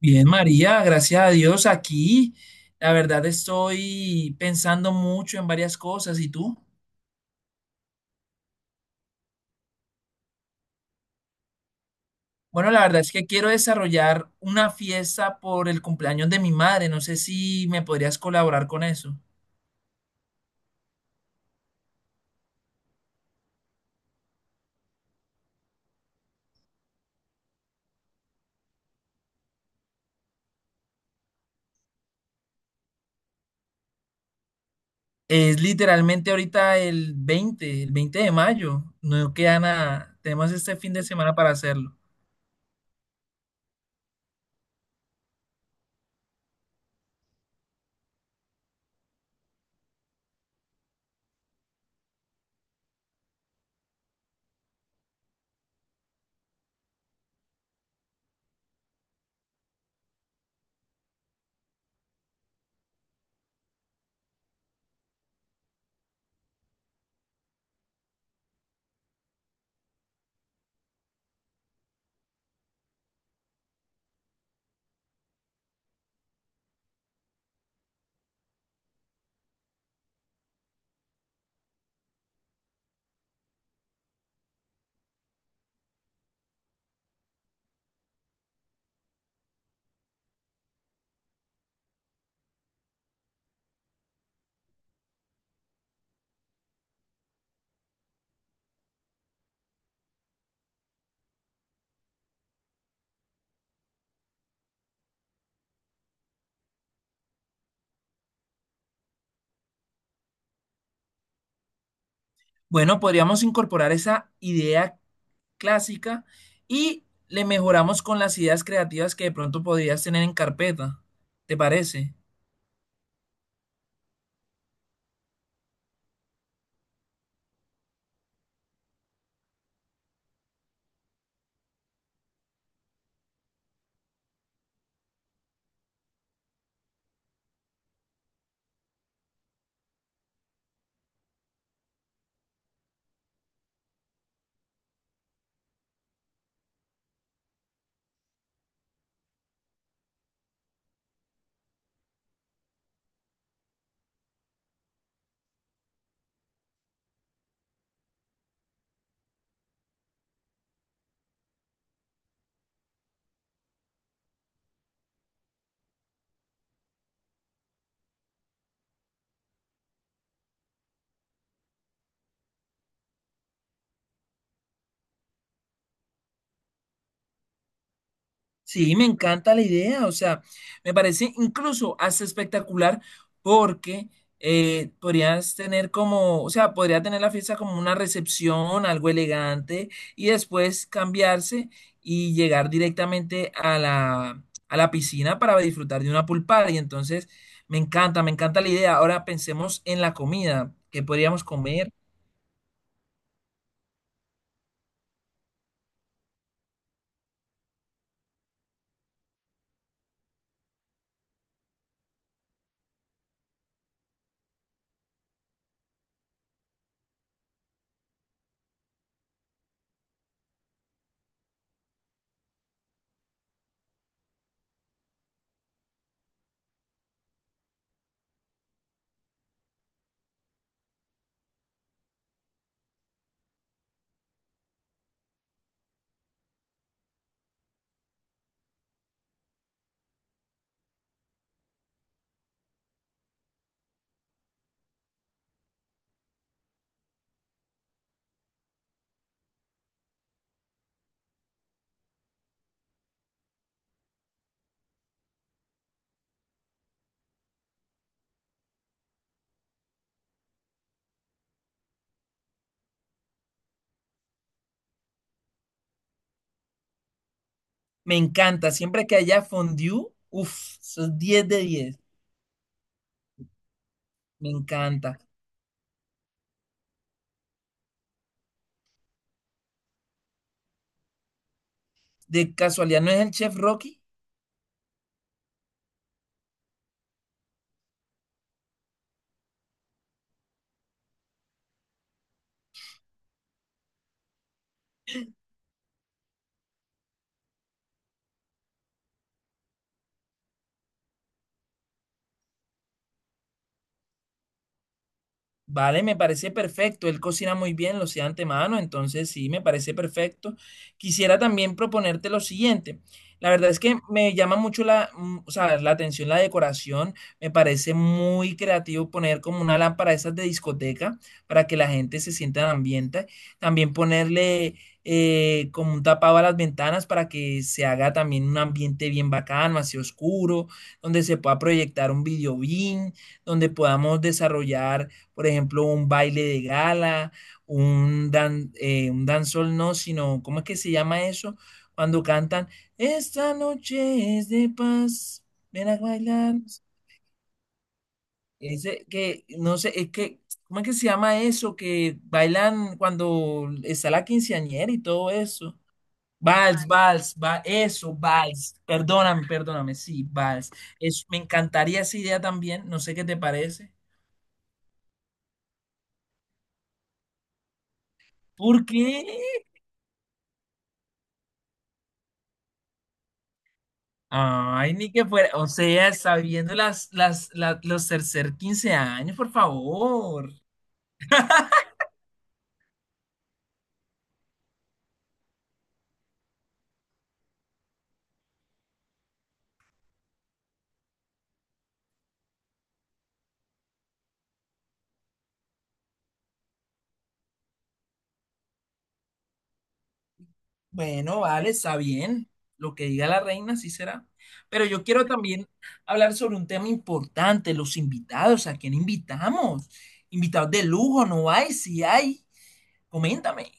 Bien, María, gracias a Dios aquí. La verdad estoy pensando mucho en varias cosas. ¿Y tú? Bueno, la verdad es que quiero desarrollar una fiesta por el cumpleaños de mi madre. No sé si me podrías colaborar con eso. Es literalmente ahorita el 20, el 20 de mayo. No queda nada. Tenemos este fin de semana para hacerlo. Bueno, podríamos incorporar esa idea clásica y le mejoramos con las ideas creativas que de pronto podrías tener en carpeta. ¿Te parece? Sí, me encanta la idea, o sea, me parece incluso hasta espectacular porque podrías tener como, o sea, podría tener la fiesta como una recepción, algo elegante, y después cambiarse y llegar directamente a la piscina para disfrutar de una pool party. Entonces, me encanta la idea. Ahora pensemos en la comida, ¿qué podríamos comer? Me encanta, siempre que haya fondue, uff, eso 10 de 10. Me encanta. ¿De casualidad no es el chef Rocky? Vale, me parece perfecto. Él cocina muy bien, lo hacía de antemano, entonces sí, me parece perfecto. Quisiera también proponerte lo siguiente. La verdad es que me llama mucho o sea, la atención la decoración. Me parece muy creativo poner como una lámpara de esas de discoteca para que la gente se sienta en ambiente. También ponerle como un tapado a las ventanas para que se haga también un ambiente bien bacano, así oscuro, donde se pueda proyectar un video bien, donde podamos desarrollar por ejemplo, un baile de gala, un dancehall no, sino, ¿cómo es que se llama eso? Cuando cantan, esta noche es de paz, ven a bailar. Ese que, no sé, es que, ¿cómo es que se llama eso? Que bailan cuando está la quinceañera y todo eso. Vals, vals, eso, vals. Perdóname, perdóname, sí, vals. Es, me encantaría esa idea también, no sé qué te parece. ¿Por qué? Ay, ni que fuera, o sea, sabiendo los tercer 15 años, por favor. Bueno, vale, está bien. Lo que diga la reina, sí será. Pero yo quiero también hablar sobre un tema importante, los invitados, ¿a quién invitamos? Invitados de lujo, ¿no hay? Si hay, coméntame.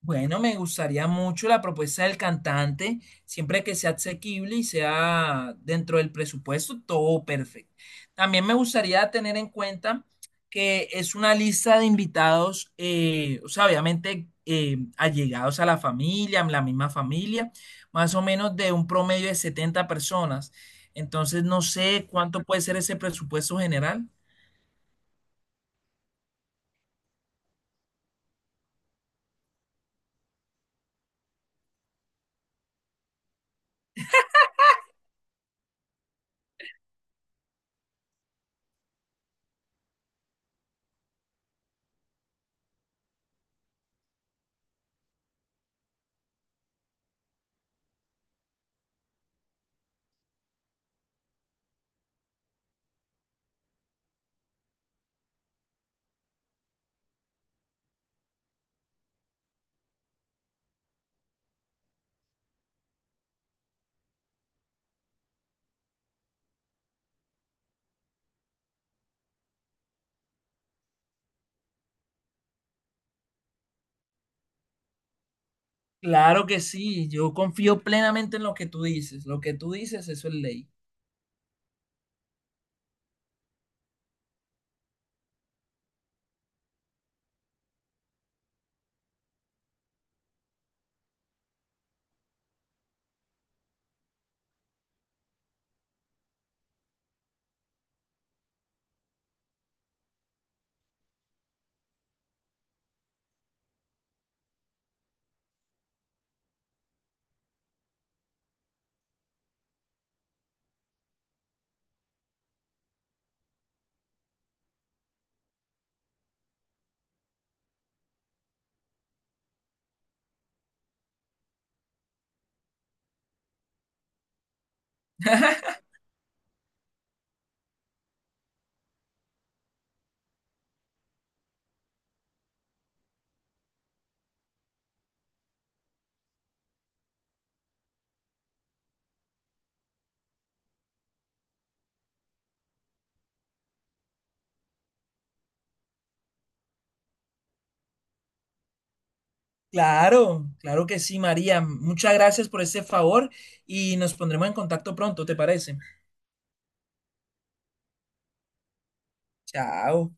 Bueno, me gustaría mucho la propuesta del cantante, siempre que sea asequible y sea dentro del presupuesto, todo perfecto. También me gustaría tener en cuenta que es una lista de invitados, o sea, obviamente allegados a la familia, la misma familia, más o menos de un promedio de 70 personas. Entonces, no sé cuánto puede ser ese presupuesto general. Claro que sí, yo confío plenamente en lo que tú dices. Lo que tú dices, eso es ley. Claro, claro que sí, María. Muchas gracias por este favor y nos pondremos en contacto pronto, ¿te parece? Chao.